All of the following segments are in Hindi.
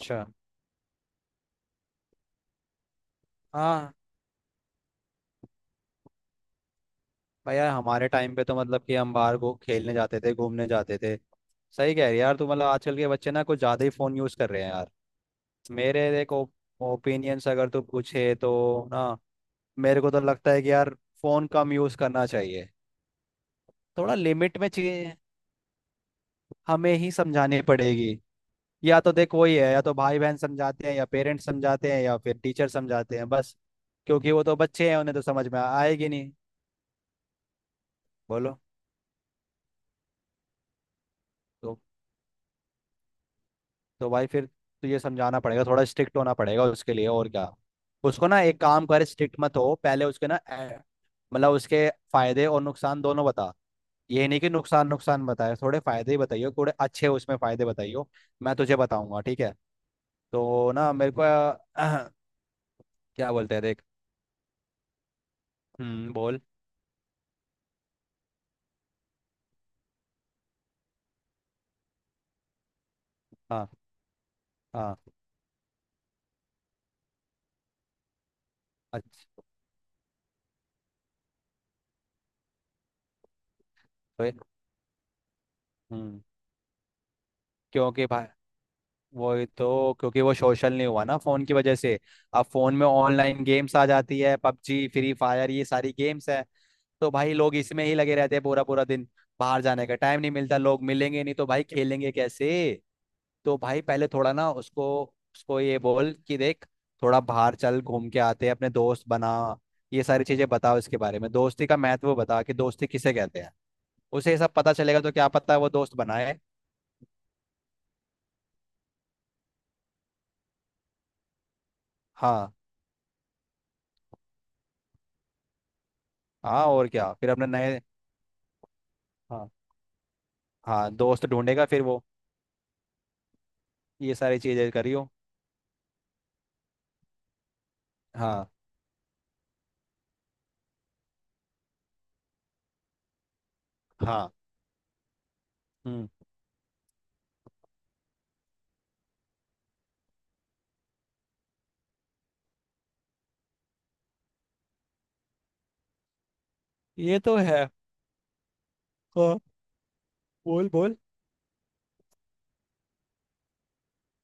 अच्छा। हाँ भैया, हमारे टाइम पे तो मतलब कि हम बाहर को खेलने जाते थे, घूमने जाते थे। सही कह रही है यार तू, मतलब आजकल के बच्चे ना कुछ ज़्यादा ही फ़ोन यूज़ कर रहे हैं यार। मेरे देखो, ओपिनियंस अगर तू पूछे तो ना, मेरे को तो लगता है कि यार फ़ोन कम यूज़ करना चाहिए। थोड़ा लिमिट में चीज़ें हमें ही समझानी पड़ेगी। या तो देख वही है, या तो भाई बहन समझाते हैं, या पेरेंट्स समझाते हैं, या फिर टीचर समझाते हैं बस। क्योंकि वो तो बच्चे हैं, उन्हें तो समझ में आएगी नहीं। बोलो। तो तो भाई फिर तुझे समझाना पड़ेगा, थोड़ा स्ट्रिक्ट होना पड़ेगा उसके लिए और क्या। उसको ना एक काम कर, स्ट्रिक्ट मत हो पहले उसके ना मतलब उसके फायदे और नुकसान दोनों बता। ये नहीं कि नुकसान नुकसान बताए, थोड़े फायदे ही बताइयो, थोड़े अच्छे उसमें फायदे बताइयो। मैं तुझे बताऊंगा, ठीक है। तो ना मेरे को क्या बोलते हैं देख। बोल। हाँ हाँ। अच्छा। तो ये- हम्म। क्योंकि भाई वही तो, क्योंकि वो सोशल नहीं हुआ ना फोन की वजह से। अब फोन में ऑनलाइन गेम्स आ जाती है, पबजी फ्री फायर ये सारी गेम्स है। तो भाई लोग इसमें ही लगे रहते हैं पूरा पूरा दिन। बाहर जाने का टाइम नहीं मिलता, लोग मिलेंगे नहीं तो भाई खेलेंगे कैसे। तो भाई पहले थोड़ा ना उसको, उसको ये बोल कि देख थोड़ा बाहर चल, घूम के आते हैं, अपने दोस्त बना। ये सारी चीजें बताओ, इसके बारे में दोस्ती का महत्व बता कि दोस्ती किसे कहते हैं। उसे ये सब पता चलेगा तो क्या पता है वो दोस्त बनाए। हाँ हाँ और क्या। फिर अपने नए, हाँ हाँ दोस्त ढूंढेगा फिर वो। ये सारी चीजें करियो। हाँ। हाँ। हम्म। ये तो है। हाँ, बोल बोल।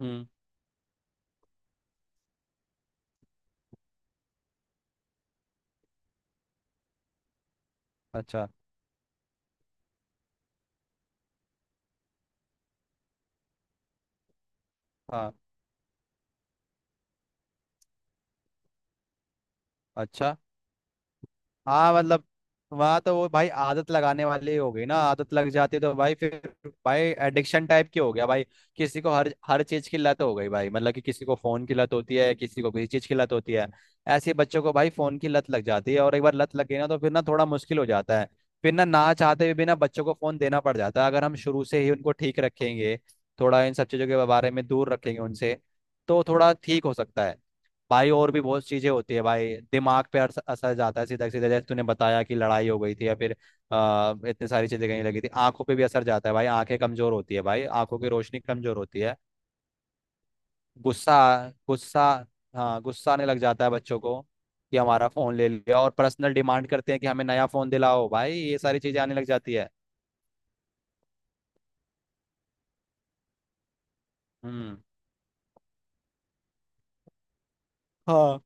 हम्म। अच्छा। हाँ। अच्छा। हाँ मतलब वहाँ तो वो भाई आदत लगाने वाली हो गई ना। आदत लग जाती है तो भाई फिर, भाई एडिक्शन टाइप की हो गया भाई। किसी को हर हर चीज की लत हो गई भाई, मतलब कि किसी को फोन की लत होती है, किसी को किसी चीज की लत होती है। ऐसे बच्चों को भाई फोन की लत लग जाती है, और एक बार लत लग गई ना तो फिर ना थोड़ा मुश्किल हो जाता है। फिर ना ना चाहते हुए भी ना बच्चों को फोन देना पड़ जाता है। अगर हम शुरू से ही उनको ठीक रखेंगे, थोड़ा इन सब चीजों के बारे में दूर रखेंगे उनसे, तो थोड़ा ठीक हो सकता है भाई। और भी बहुत चीजें होती है भाई। दिमाग पे असर असर जाता है, सीधा सीधा, जैसे तूने बताया कि लड़ाई हो गई थी, या फिर इतनी सारी चीजें कहीं लगी थी। आंखों पे भी असर जाता है भाई, आंखें कमजोर होती है भाई, आंखों की रोशनी कमजोर होती है। गुस्सा, गुस्सा, हाँ गुस्सा आने लग जाता है बच्चों को कि हमारा फोन ले लिया, और पर्सनल डिमांड करते हैं कि हमें नया फोन दिलाओ भाई। ये सारी चीजें आने लग जाती है। हम्म। हाँ।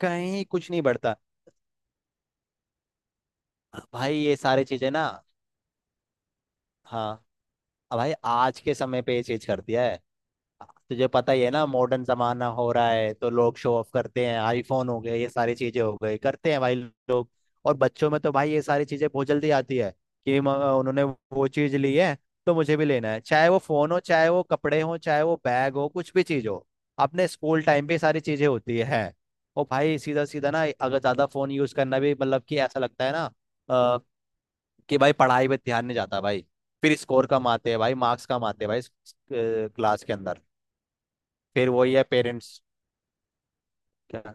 कहीं कुछ नहीं बढ़ता भाई, ये सारी चीजें ना। हाँ भाई, आज के समय पे ये चीज करती है। तुझे पता ही है ना, मॉडर्न जमाना हो रहा है तो लोग शो ऑफ करते हैं, आईफोन हो गए, ये सारी चीजें हो गई, करते हैं भाई लोग। और बच्चों में तो भाई ये सारी चीजें बहुत जल्दी आती है कि उन्होंने वो चीज ली है तो मुझे भी लेना है, चाहे वो फोन हो, चाहे वो कपड़े हो, चाहे वो बैग हो, कुछ भी चीज हो। अपने स्कूल टाइम पे ये सारी चीजें होती है। और भाई सीधा सीधा ना, अगर ज्यादा फोन यूज करना भी, मतलब कि ऐसा लगता है ना अ, कि भाई पढ़ाई पे ध्यान नहीं जाता भाई। फिर स्कोर कम आते हैं भाई, मार्क्स कम आते हैं भाई क्लास के अंदर। फिर वही है पेरेंट्स क्या,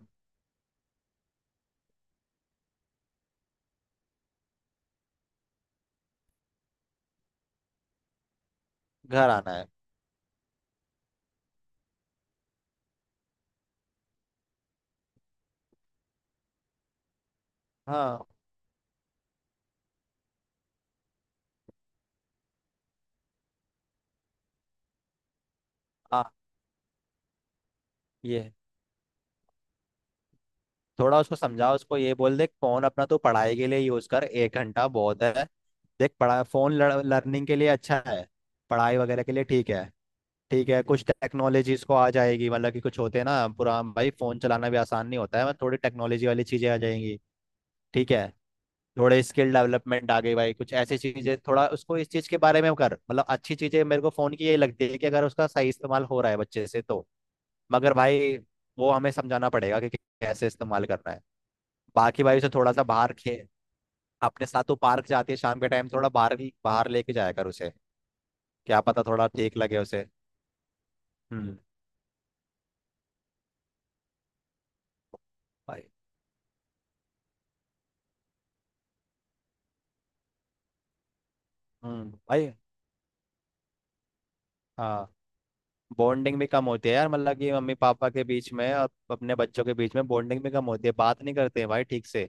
घर आना है। हाँ। आ, ये है। थोड़ा उसको समझाओ, उसको ये बोल दे फोन अपना तो पढ़ाई के लिए यूज कर, एक घंटा बहुत है। देख पढ़ा, फोन लर्निंग के लिए अच्छा है, पढ़ाई वगैरह के लिए ठीक है। ठीक है कुछ टेक्नोलॉजीज को आ जाएगी, मतलब कि कुछ होते हैं ना, पूरा भाई फोन चलाना भी आसान नहीं होता है, मतलब थोड़ी टेक्नोलॉजी वाली चीजें आ जाएंगी। ठीक है। थोड़े स्किल डेवलपमेंट आ गई भाई, कुछ ऐसी चीजें थोड़ा उसको इस चीज के बारे में कर, मतलब अच्छी चीजें मेरे को फोन की यही लगती है, कि अगर उसका सही इस्तेमाल हो रहा है बच्चे से तो। मगर भाई वो हमें समझाना पड़ेगा कि कैसे इस्तेमाल करना है। बाकी भाई उसे थोड़ा सा बाहर खे अपने साथ तो पार्क जाती है शाम के टाइम, थोड़ा बाहर ही बाहर लेके जाया कर उसे। क्या पता थोड़ा ठीक लगे उसे। हम्म भाई। भाई। हाँ, बॉन्डिंग भी कम होती है यार, मतलब कि मम्मी पापा के बीच में और अपने बच्चों के बीच में बॉन्डिंग भी कम होती है, बात नहीं करते हैं भाई ठीक से।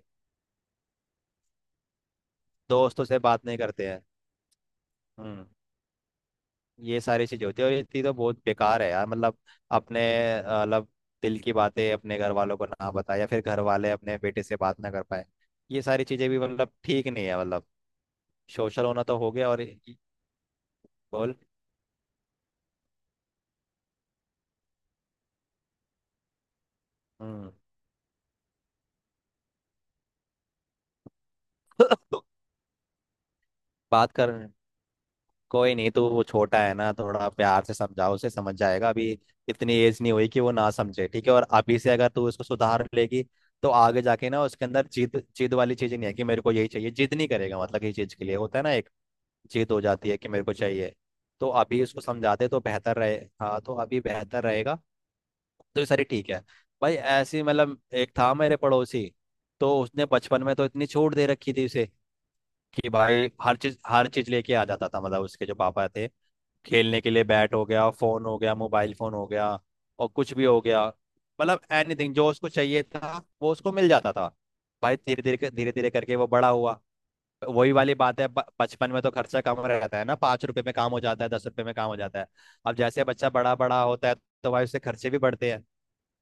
दोस्तों से बात नहीं करते हैं। हम्म। ये सारी चीज होती है, और ये चीज़ तो बहुत बेकार है यार, मतलब अपने मतलब दिल की बातें अपने घर वालों को ना बताए, या फिर घर वाले अपने बेटे से बात ना कर पाए। ये सारी चीजें भी मतलब ठीक नहीं है, मतलब सोशल होना तो हो गया। और ये- बोल। हम्म। बात कर। कोई नहीं, तो वो छोटा है ना, थोड़ा प्यार से समझाओ उसे, समझ जाएगा अभी। इतनी एज नहीं हुई कि वो ना समझे, ठीक है। और अभी से अगर तू उसको सुधार लेगी तो आगे जाके ना उसके अंदर जिद जिद वाली चीजें नहीं है कि मेरे को यही चाहिए, जिद नहीं करेगा। मतलब ये चीज के लिए होता है ना एक, जिद हो जाती है कि मेरे को चाहिए। तो अभी उसको समझाते तो बेहतर रहे। हाँ, तो अभी बेहतर रहेगा। तो ये सारी ठीक है भाई। ऐसी मतलब एक था मेरे पड़ोसी, तो उसने बचपन में तो इतनी छूट दे रखी थी उसे कि भाई हर चीज लेके आ जाता था, मतलब उसके जो पापा थे। खेलने के लिए बैट हो गया, फोन हो गया, मोबाइल फोन हो गया, और कुछ भी हो गया। मतलब एनीथिंग जो उसको चाहिए था वो उसको मिल जाता था। भाई धीरे धीरे धीरे धीरे करके वो बड़ा हुआ। वही वाली बात है, बचपन में तो खर्चा कम रहता है ना, पाँच रुपए में काम हो जाता है, दस रुपए में काम हो जाता है। अब जैसे बच्चा बड़ा बड़ा होता है तो भाई उसके खर्चे भी बढ़ते हैं।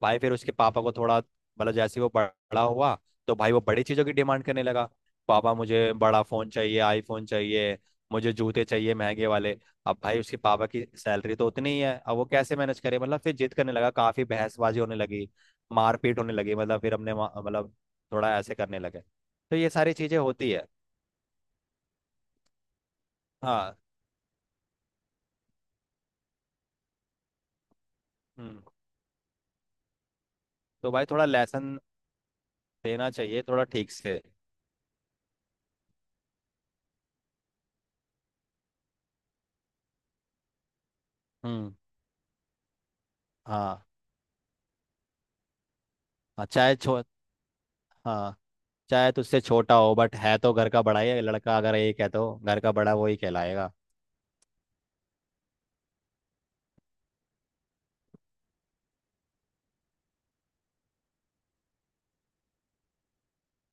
भाई फिर उसके पापा को थोड़ा मतलब, जैसे ही वो बड़ा हुआ तो भाई वो बड़ी चीजों की डिमांड करने लगा। पापा मुझे बड़ा फोन चाहिए, आईफोन चाहिए, मुझे जूते चाहिए महंगे वाले। अब भाई उसके पापा की सैलरी तो उतनी ही है, अब वो कैसे मैनेज करे। मतलब फिर जिद करने लगा, काफी बहसबाजी होने लगी, मारपीट होने लगी। मतलब फिर हमने मतलब थोड़ा ऐसे करने लगे। तो ये सारी चीजें होती है। हाँ। हम्म। तो भाई थोड़ा लेसन देना चाहिए, थोड़ा ठीक से। हम्म। हाँ। हाँ, चाहे छो हाँ चाहे तुझसे छोटा हो बट है तो घर का बड़ा ही है, लड़का अगर एक है तो घर का बड़ा वो ही कहलाएगा।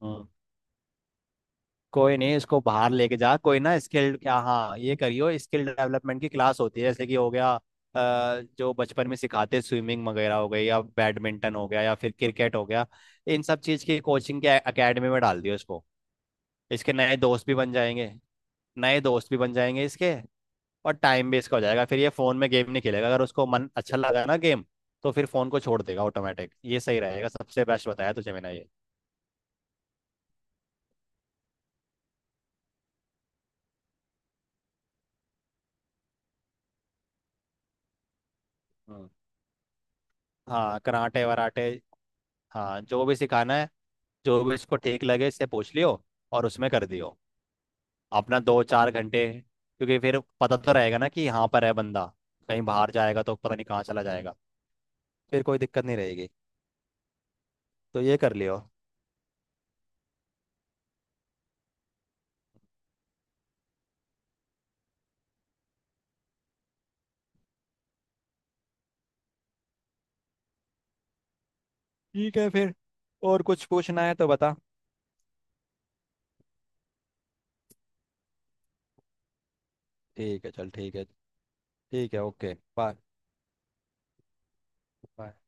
हम्म। कोई नहीं, इसको बाहर लेके जा, कोई ना स्किल, क्या, हाँ ये करियो, स्किल डेवलपमेंट की क्लास होती है, जैसे कि हो गया जो बचपन में सिखाते, स्विमिंग वगैरह हो गई, या बैडमिंटन हो गया, या फिर क्रिकेट हो गया। इन सब चीज़ की कोचिंग के एकेडमी में डाल दियो इसको। इसके नए दोस्त भी बन जाएंगे। नए दोस्त भी बन जाएंगे इसके। और टाइम वेस्ट का हो जाएगा, फिर ये फोन में गेम नहीं खेलेगा, अगर उसको मन अच्छा लगा ना गेम तो फिर फोन को छोड़ देगा ऑटोमेटिक। ये सही रहेगा, सबसे बेस्ट बताया तुझे मैंने ये। हाँ, हाँ कराटे वराटे, हाँ जो भी सिखाना है, जो भी इसको ठीक लगे इससे पूछ लियो, और उसमें कर दियो अपना दो चार घंटे। क्योंकि फिर पता तो रहेगा ना कि यहाँ पर है बंदा, कहीं बाहर जाएगा तो पता नहीं कहाँ चला जाएगा। फिर कोई दिक्कत नहीं रहेगी। तो ये कर लियो। ठीक है फिर। और कुछ पूछना है तो बता। ठीक है चल, ठीक है। ठीक है। ओके। बाय।